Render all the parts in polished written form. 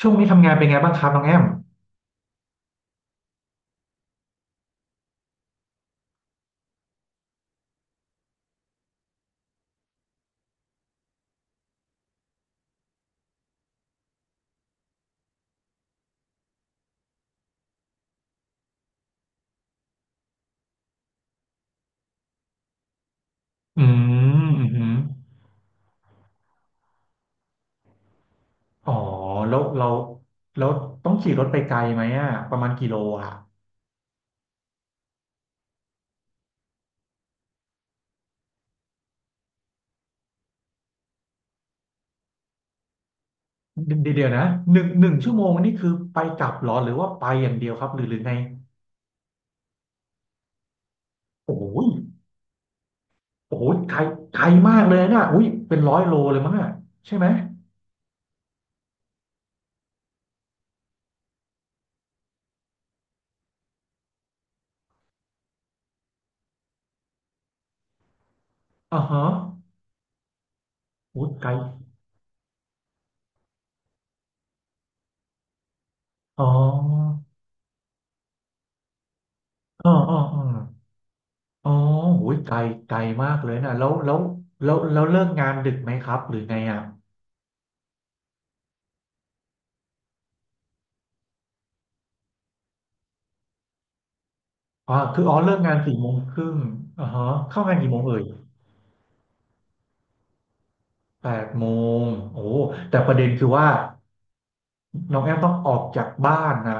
ช่วงนี้ทำงานเป็นไงบ้างครับน้องแอมอืมอืมอมอ๋อแล้วเราแล้วต้องขี่รถไปไกลไหมอ่ะประมาณกี่โลอ่ะเดี๋ยวนะหนึ่งชั่วโมงนี่คือไปกลับเหรอหรือว่าไปอย่างเดียวครับหรือไงโอ้ยโอ้ยไกลไกลมากเลยนะอุ้ยเป็น100 โลเลยมั้งอ่ะใช่ไหมอ่าฮะโอ้ยไกลอ๋ออ๋ออ๋ออ๋ออ๋อโอ้ยไกลไกลมากเลยนะแล้วเลิกงานดึกไหมครับ หรือไงอ่ะ อ๋อคืออ๋อเลิกงานสี่โมงครึ่งอ่าฮะเข้างานกี่โมงเอ่ย8:00โอ้แต่ประเด็นคือว่าน้องแอมต้องออกจากบ้านนะ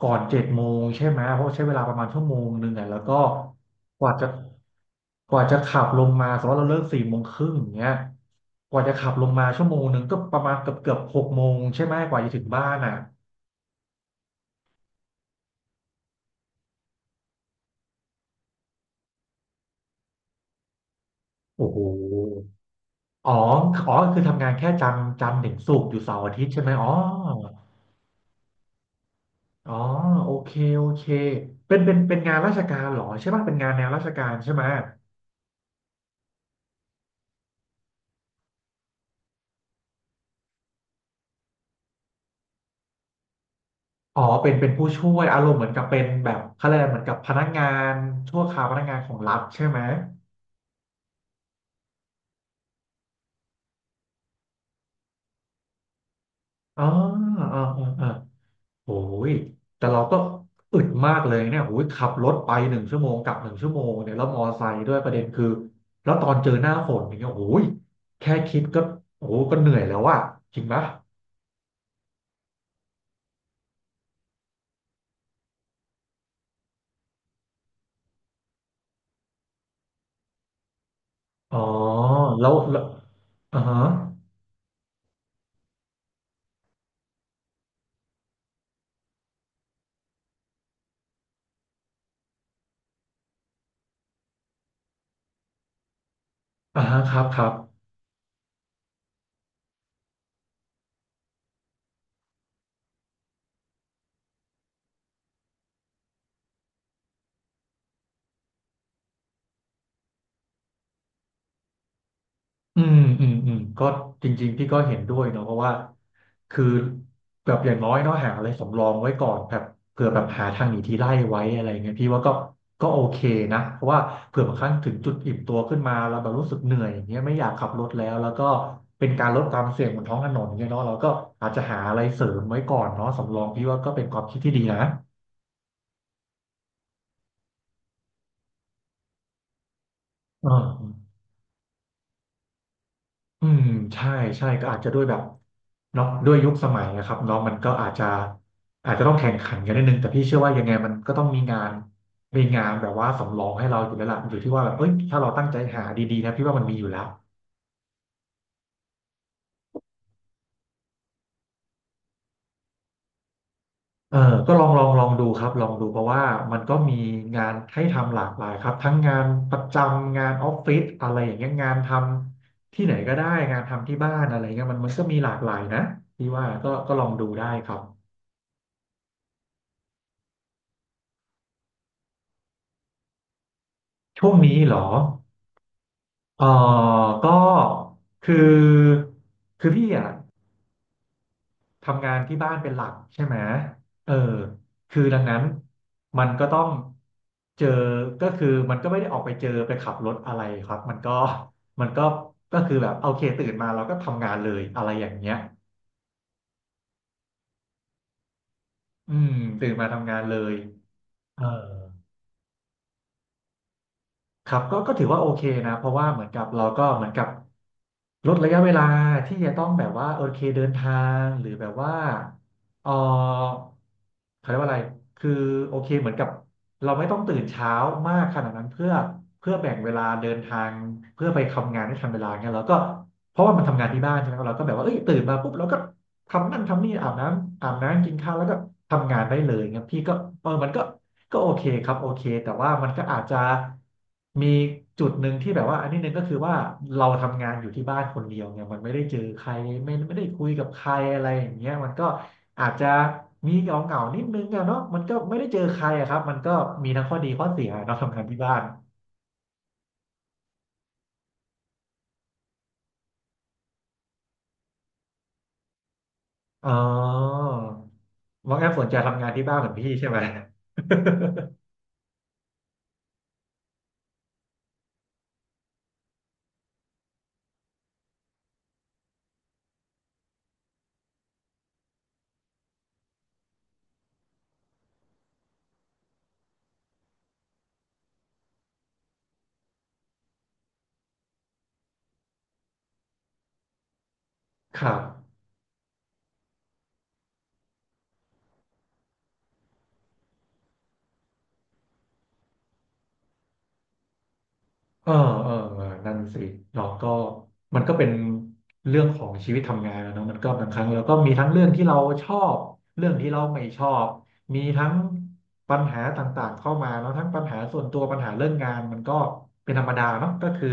ก่อน7:00ใช่ไหม เพราะใช้เวลาประมาณชั่วโมงหนึ่งอ่ะแล้วก็กว่าจะกว่าจะขับลงมา สมมติว่าเราเลิกสี่โมงครึ่งอย่างเงี้ยกว่าจะขับลงมาชั่วโมงหนึ่งก็ประมาณเกือบ18:00ใช่ไหมกว่าจะถึงบ้านอ่ะโอ้โหอ๋ออ๋อคือทำงานแค่จันทร์ถึงศุกร์อยู่เสาร์อาทิตย์ใช่ไหมอ๋อ อ๋อโอเคโอเคเป็นงานราชการเหรอใช่ป่ะเป็นงานแนวราชการใช่ไหมอ๋อเป็นผู้ช่วยอารมณ์เหมือนกับเป็นแบบเขาเรียกอะไรเหมือนกับพนักงานชั่วคราวพนักงานของรัฐใช่ไหมอ๋ออ๋ออ๋ออ๋อโอ้ยแต่เราก็อึดมากเลยเนี่ยโอ้ยขับรถไปหนึ่งชั่วโมงกลับหนึ่งชั่วโมงเนี่ยแล้วมอไซค์ด้วยประเด็นคือแล้วตอนเจอหน้าฝนอย่างเงี้ยโอ้ยแค่คิดก็โอ้โหก็เหนื่อยแล้วอะจริงปะอ๋อแล้วอ่าฮะอ่าฮะครับครับ ก็จริงๆพี่ก็เห็นด้วยเนาะเพราะว่าคือแบบอย่างน้อยเนาะหาอะไรสำรองไว้ก่อนแบบเผื่อแบบหาทางหนีทีไล่ไว้อะไรเงี้ยพี่ว่าก็โอเคนะเพราะว่าเผื่อบางครั้งถึงจุดอิ่มตัวขึ้นมาแล้วแบบรู้สึกเหนื่อยอย่างเงี้ยไม่อยากขับรถแล้วก็เป็นการลดความเสี่ยงบนท้องถนนเนี่ยเนาะเราก็อาจจะหาอะไรเสริมไว้ก่อนเนาะสำรองพี่ว่าก็เป็นความคิดที่ดีนะอ่า อืมใช่ใช่ก็อาจจะด้วยแบบเนาะด้วยยุคสมัยนะครับเนาะมันก็อาจจะต้องแข่งขันกันนิดนึงแต่พี่เชื่อว่ายังไงมันก็ต้องมีงานแบบว่าสำรองให้เราอยู่แล้วล่ะอยู่ที่ว่าแบบเอ้ยถ้าเราตั้งใจหาดีๆนะพี่ว่ามันมีอยู่แล้วเออก็ลองดูครับลองดูเพราะว่ามันก็มีงานให้ทำหลากหลายครับทั้งงานประจำงานออฟฟิศอะไรอย่างเงี้ยงานทำที่ไหนก็ได้งานทำที่บ้านอะไรเงี้ยมันก็มีหลากหลายนะพี่ว่าก็ลองดูได้ครับช่วงนี้เหรอ เออก็คือคือพี่อ่ะทำงานที่บ้านเป็นหลักใช่ไหมเออคือดังนั้นมันก็ต้องเจอก็คือมันก็ไม่ได้ออกไปเจอไปขับรถอะไรครับมันก็ก็คือแบบโอเคตื่นมาเราก็ทำงานเลยอะไรอย่างเงี้ยอืมตื่นมาทำงานเลยเออครับก็ถือว่าโอเคนะเพราะว่าเหมือนกับเราก็เหมือนกับ ลดระยะเวลาที่จะต้องแบบว่าโอเคเดินทางหรือแบบว่าเออเขาเรียกว่าอะไรคือโอเคเหมือนกับเราไม่ต้องตื่นเช้ามากขนาดนั้นเพื่อแบ่งเวลาเดินทางเพื่อไปทำงานให้ทันเวลาเงี้ยแล้วก็เพราะว่ามันทำงานที่บ้านใช่ไหมเราก็แบบว่าเอ้ยตื่นมาปุ๊บเราก็ ทำนั่นทำนี่อาบน้ำกินข้าวแล้วก็ทำงานได้เลยเงี้ยพี่ก็เออมันก็โอเคครับโอเคแต่ว่ามันก็อาจจะมีจุดหนึ่งที่แบบว่าอันนี้หนึ่งก็คือว่าเราทำงานอยู่ที่บ้านคนเดียวเนี่ยมันไม่ได้เจอใครไม่ได้คุยกับใครอะไรอย่างเงี้ยมันก็อาจจะมีเหงาเหงานิดนึงอะเนาะมันก็ไม่ได้เจอใครอะครับมันก็มีทั้งข้อดีข้อเสียเนาะทำงานที่บ้านอ๋อว่างั้นสนใจทำงานที่บ้านเหมือนพี่ใช่ไหม ครับ เออเออนั่นสิเราก็มันก็เป็นเรื่องของชีวิตทำงานนะเนอะมันก็บางครั้งเราก็มีทั้งเรื่องที่เราชอบเรื่องที่เราไม่ชอบมีทั้งปัญหาต่างๆเข้ามาแล้วทั้งปัญหาส่วนตัวปัญหาเรื่องงานมันก็เป็นธรรมดาเนาะก็คือ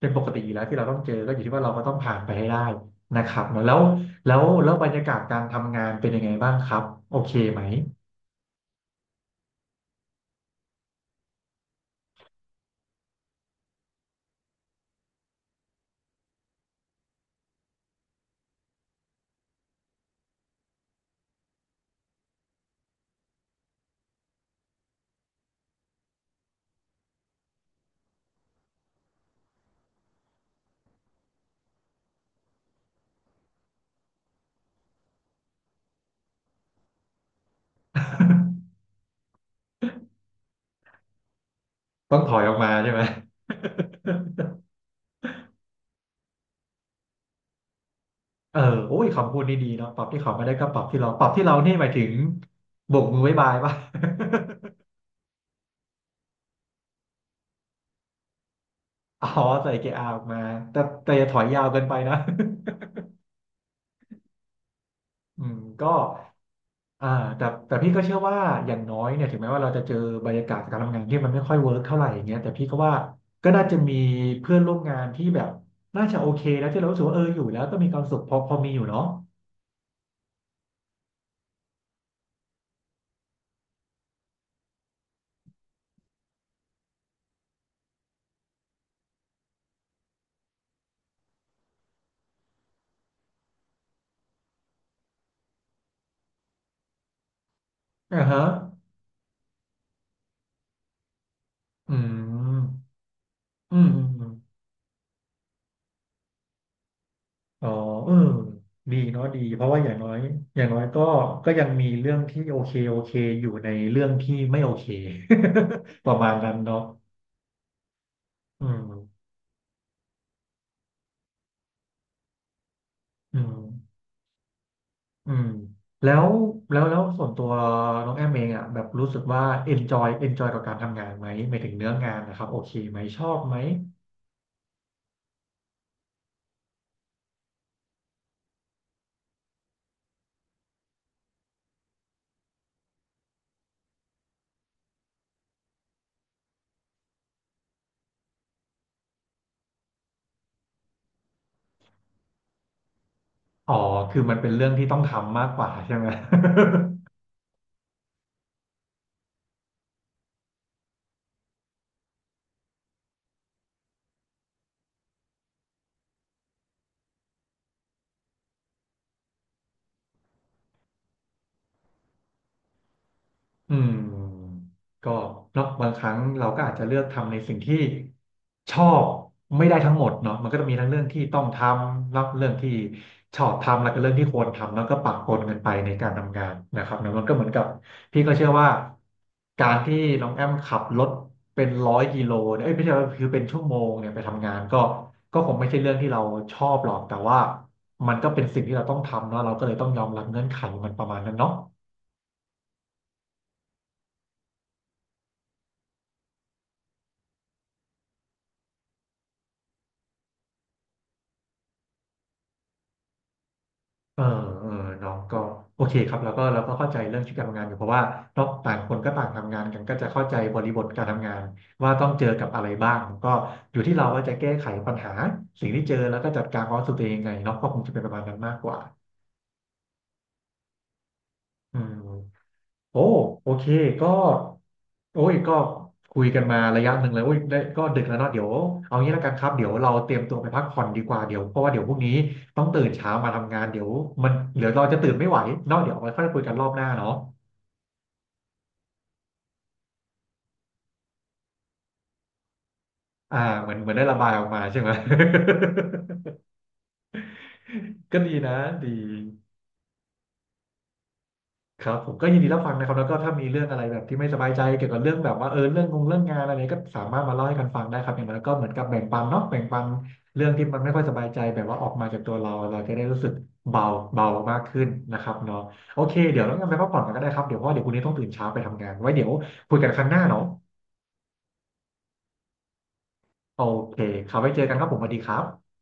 เป็นปกติอยู่แล้วที่เราต้องเจอก็อยู่ที่ว่าเราก็ต้องผ่านไปให้ได้นะครับอแล้วแล้วบรรยากาศการทำงานเป็นยังไงบ้างครับโอเคไหม ต้องถอยออกมาใช่ไหม เออโอ้ยคำพูดนี่ดีเนาะปรับที่เขาไม่ได้ก็ปรับที่เราปรับที่เรานี่หมายถึงโบกมือบ๊ายบายป่ะ อ๋อใส่เกียร์อาออกมาแต่อย่าถอยยาวเกินไปนะ อืมก็อ่าแต่พี่ก็เชื่อว่าอย่างน้อยเนี่ยถึงแม้ว่าเราจะเจอบรรยากาศการทำงานที่มันไม่ค่อยเวิร์กเท่าไหร่อย่างเงี้ยแต่พี่ก็ว่าก็น่าจะมีเพื่อนร่วมงานที่แบบน่าจะโอเคแล้วที่เรารู้สึกว่าเอออยู่แล้วก็มีความสุขพอพอมีอยู่เนาะอ่าฮะอืมอืมอืม อ๋อเออดีเนาะดีเพราะว่าอย่างน้อยอย่างน้อยก็ก็ยังมีเรื่องที่โอเคโอเคอยู่ในเรื่องที่ไม่โอเค ประมาณนั้นเนาะอืมอืมอืมแล้วแล้วส่วนตัวน้องแอมเองอ่ะแบบรู้สึกว่า enjoy กับการทำงานไหมหมายถึงเนื้องานนะครับโอเคไหมชอบไหมอ๋อคือมันเป็นเรื่องที่ต้องทำมากกว่าใช่ไหม อืมก็เนาะบางครั้งเราก็อาจจะเลือกทำในสิ่งที่ชอบไม่ได้ทั้งหมดเนาะมันก็จะมีทั้งเรื่องที่ต้องทำแล้วเรื่องที่ชอบทำแล้วก็เรื่องที่ควรทำแล้วก็ปะปนกันไปในการทำงานนะครับเนอะมันก็เหมือนกับพี่ก็เชื่อว่าการที่น้องแอมขับรถเป็นร้อยกิโลเนี่ยเอ้ยไม่ใช่ว่าคือเป็นชั่วโมงเนี่ยไปทำงานก็ก็คงไม่ใช่เรื่องที่เราชอบหรอกแต่ว่ามันก็เป็นสิ่งที่เราต้องทำเนาะเราก็เลยต้องยอมรับเงื่อนไขมันประมาณนั้นเนาะ เออเออเน้องก็โอเคครับแล้วก็เราก็เข้าใจเรื่องชีวิตการทำงานอยู่เพราะว่าเนาะต่างคนก็ต่างทำงานกันก็จะเข้าใจบริบทการทำงานว่าต้องเจอกับอะไรบ้างก็อยู่ที่เราว่าจะแก้ไขปัญหาสิ่งที่เจอแล้วก็จัดการความรู้สึกตัวเองยังไงเนาะก็คงจะเป็นประมาณนั้นมากกว่าอืม โอ้โอเคก็โอ้ยก็คุยกันมาระยะหนึ่งเลยโอ้ยได้ก็ดึกแล้วเนาะเดี๋ยวเอางี้แล้วกันครับเดี๋ยวเราเตรียมตัวไปพักผ่อนดีกว่าเดี๋ยวเพราะว่าเดี๋ยวพรุ่งนี้ต้องตื่นเช้ามาทำงานเดี๋ยวมันเดี๋ยวเราจะตื่นไม่ไหวเนาะเดี๋ยวเอาไว้ค่อยคุยกันรอบหน้าเนาะอ่าเหมือนได้ระบายออกมาใช่ไหม ก็ดีนะดี ครับผมก็ยินดีรับฟังนะครับแล้วก็ถ้ามีเรื่องอะไรแบบที่ไม่สบายใจเกี่ยวกับเรื่องแบบว่าเออเรื่องงงเรื่องงานอะไรเนี่ยก็สามารถมาเล่าให้กันฟังได้ครับอย่างน้อยก็เหมือนกับแบ่งปันเนาะแบ่งปันเรื่องที่มันไม่ค่อยสบายใจแบบว่าออกมาจากตัวเราเราจะได้รู้สึกเบาเบามากขึ้นนะครับเนาะโอเคเดี๋ยวเรางั้นไปพักผ่อนกันก็ได้ครับเดี๋ยวเพราะว่าเดี๋ยวพรุ่งนี้ต้องตื่นเช้าไปทำงานไว้เดี๋ยวคุยกันครั้งหน้าเนาะโอเคครับไว้เจอกันครับผมสวัสดีครับ